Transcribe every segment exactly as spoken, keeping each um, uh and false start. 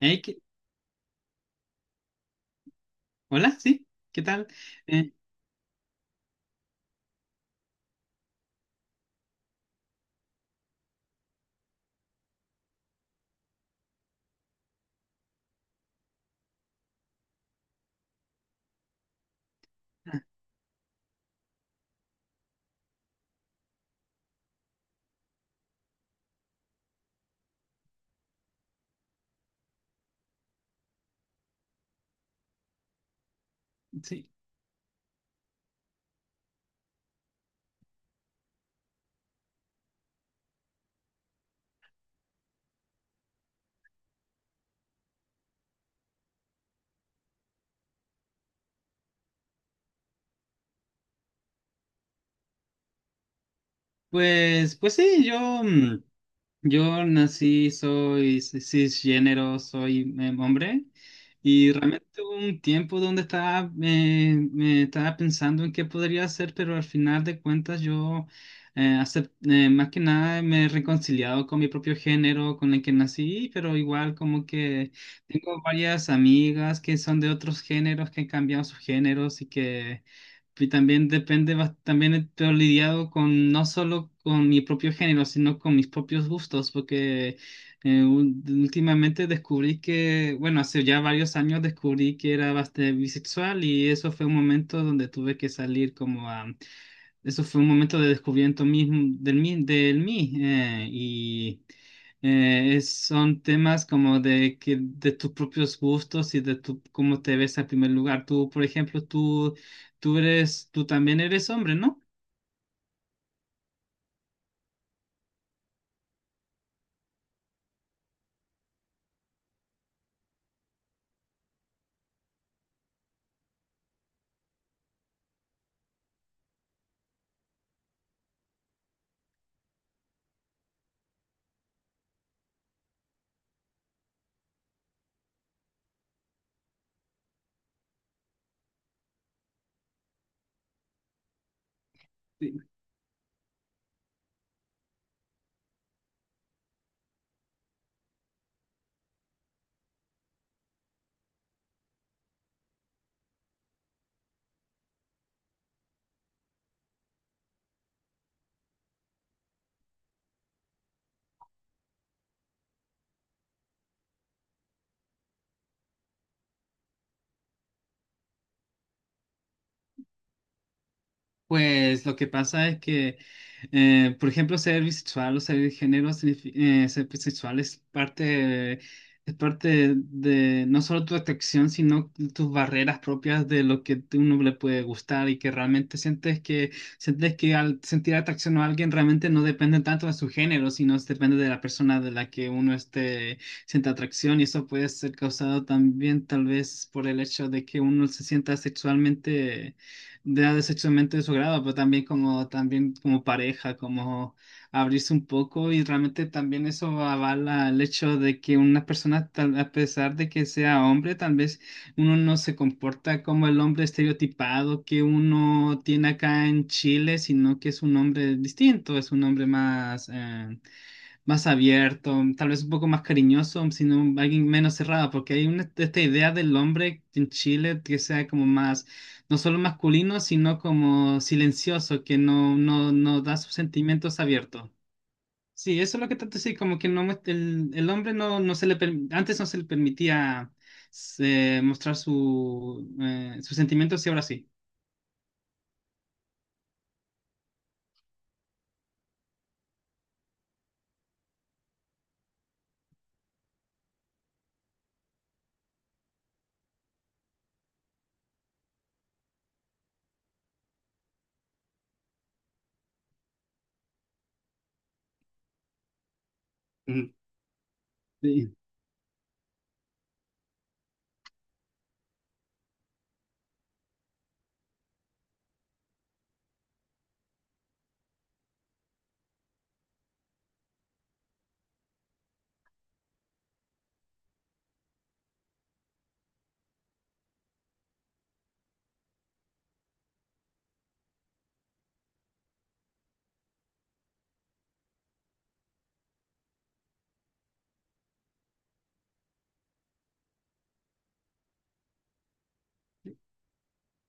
Hey, ¿qué- hola, sí, ¿qué tal? Eh, ah, sí, pues, pues sí, yo, mm, yo nací, soy cis- cisgénero, soy eh, hombre. Y realmente hubo un tiempo donde estaba, eh, me estaba pensando en qué podría hacer, pero al final de cuentas yo, eh, acep- eh, más que nada, me he reconciliado con mi propio género, con el que nací, pero igual como que tengo varias amigas que son de otros géneros, que han cambiado sus géneros. Y que y también depende, bas- también estoy lidiado con no solo con mi propio género, sino con mis propios gustos, porque eh, un- últimamente descubrí que, bueno, hace ya varios años descubrí que era bastante bisexual, y eso fue un momento donde tuve que salir como a, eso fue un momento de descubrimiento mismo del mí, del mí eh, y eh, es- son temas como de que de tus propios gustos y de tu, cómo te ves en primer lugar. Tú, por ejemplo, tú tú eres, tú también eres hombre, ¿no? Pues lo que pasa es que, eh, por ejemplo, ser bisexual o ser de género, signifi- eh, ser bisexual es parte, es parte de no solo tu atracción, sino tus barreras propias de lo que tú- uno le puede gustar, y que realmente sientes que, sientes que al sentir atracción a alguien realmente no depende tanto de su género, sino depende de la persona de la que uno esté, sienta atracción. Y eso puede ser causado también tal vez por el hecho de que uno se sienta sexualmente de de sexualmente de su grado, pero también como, también como pareja, como abrirse un poco. Y realmente también eso avala el hecho de que una persona, tal- a pesar de que sea hombre, tal vez uno no se comporta como el hombre estereotipado que uno tiene acá en Chile, sino que es un hombre distinto, es un hombre más... eh, más abierto, tal vez un poco más cariñoso, sino alguien menos cerrado, porque hay una, esta idea del hombre en Chile que sea como más, no solo masculino, sino como silencioso, que no, no, no da sus sentimientos abiertos. Sí, eso es lo que trato de decir, como que no, muest- el, el hombre no, no se le, per- antes no se le permitía se- mostrar su, eh, sus sentimientos, y ahora sí. Ujú. Sí,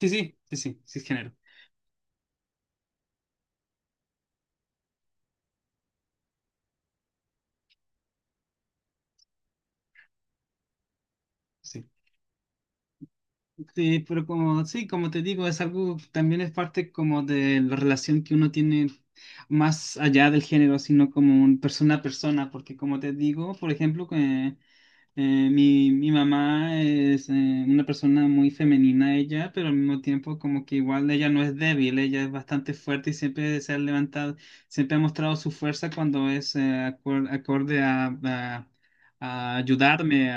sí, sí, sí, sí, sí, es género. Sí. Sí, pero como, sí, como te digo, es algo, también es parte como de la relación que uno tiene más allá del género, sino como un persona a persona, porque como te digo, por ejemplo, que eh, mi, mi mamá es eh, una persona muy femenina ella, pero al mismo tiempo como que igual ella no es débil, ella es bastante fuerte y siempre se ha levantado, siempre ha mostrado su fuerza cuando es eh, acor- acorde a, a- a ayudarme,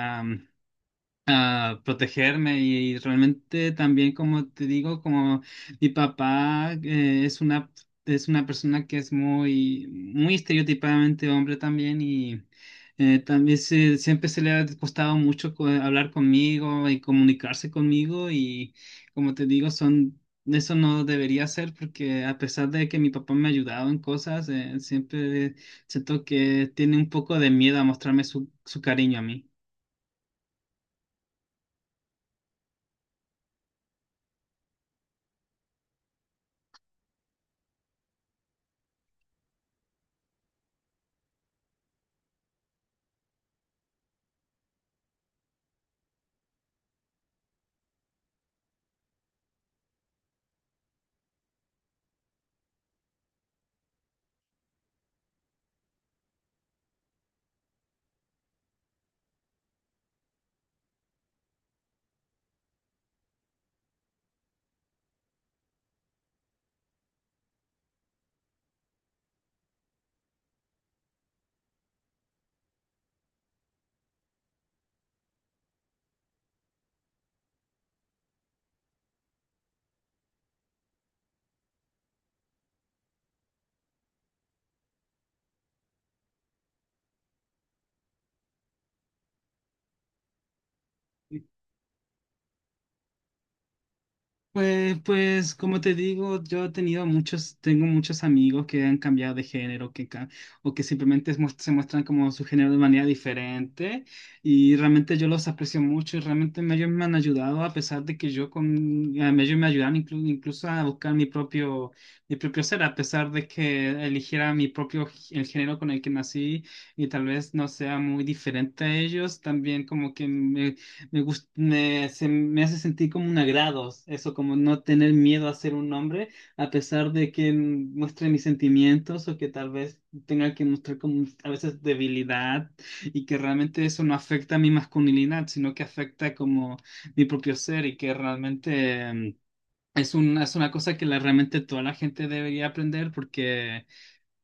protegerme. Y realmente también como te digo como mi papá eh, es una es una persona que es muy muy estereotipadamente hombre también. Y eh, también se- siempre se le ha costado mucho co- hablar conmigo y comunicarse conmigo. Y como te digo son, eso no debería ser porque a pesar de que mi papá me ha ayudado en cosas eh, siempre siento que tiene un poco de miedo a mostrarme su, su cariño a mí. Pues, pues, como te digo, yo he tenido muchos, tengo muchos amigos que han cambiado de género, que, ca- o que simplemente es muest- se muestran como su género de manera diferente, y realmente yo los aprecio mucho, y realmente me- ellos me han ayudado, a pesar de que yo con, a mí ellos me ayudaron inclu- incluso a buscar mi propio, mi propio ser, a pesar de que eligiera mi propio, g- el género con el que nací, y tal vez no sea muy diferente a ellos, también como que me gusta me, se me hace sentir como un agrado, eso como no tener miedo a ser un hombre, a pesar de que muestre mis sentimientos o que tal vez tenga que mostrar como a veces debilidad, y que realmente eso no afecta a mi masculinidad, sino que afecta como mi propio ser. Y que realmente em, es un es una cosa que la, realmente toda la gente debería aprender porque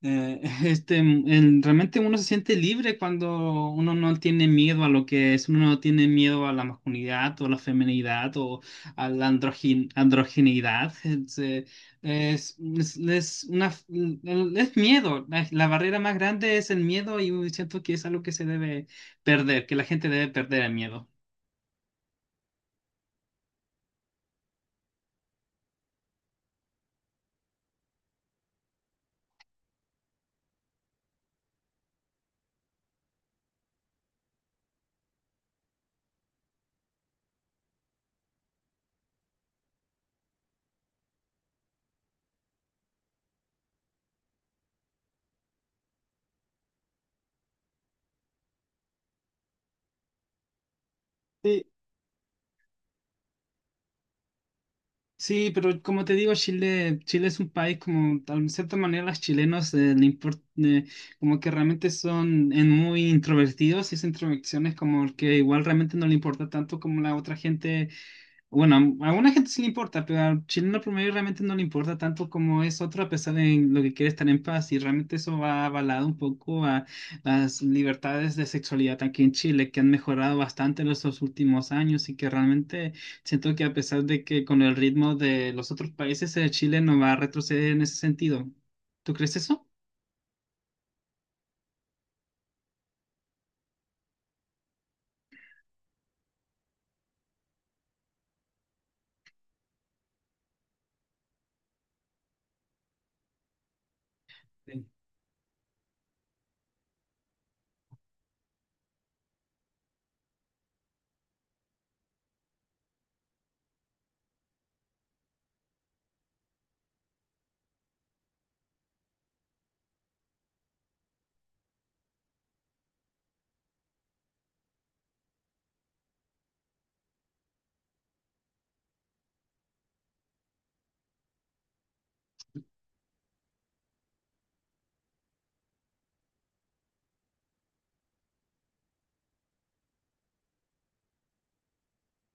eh, este, el- realmente uno se siente libre cuando uno no tiene miedo a lo que es, uno no tiene miedo a la masculinidad o la feminidad o a la androgin- androgineidad. Es, eh, es, es- es una, f- es miedo. La, la barrera más grande es el miedo, y siento que es algo que se debe perder, que la gente debe perder el miedo. Sí, pero como te digo, Chile, Chile es un país como, de cierta manera, los chilenos eh, le import- eh, como que realmente son en muy introvertidos, y esa introversión es como que igual realmente no le importa tanto como la otra gente. Bueno, a alguna gente sí le importa, pero al chileno promedio realmente no le importa tanto como es otro, a pesar de lo que quiere estar en paz. Y realmente eso va avalado un poco a las libertades de sexualidad aquí en Chile, que han mejorado bastante en estos últimos años, y que realmente siento que a pesar de que con el ritmo de los otros países, eh, Chile no va a retroceder en ese sentido. ¿Tú crees eso?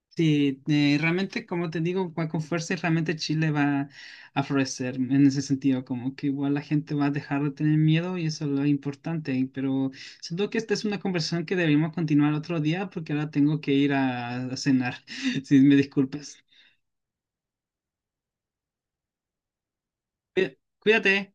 Sí, eh, realmente, como te digo, va con fuerza y realmente Chile va a florecer en ese sentido, como que igual la gente va a dejar de tener miedo y eso es lo importante, pero siento que esta es una conversación que deberíamos continuar otro día porque ahora tengo que ir a, a cenar, si me disculpas. Cuí- Cuídate.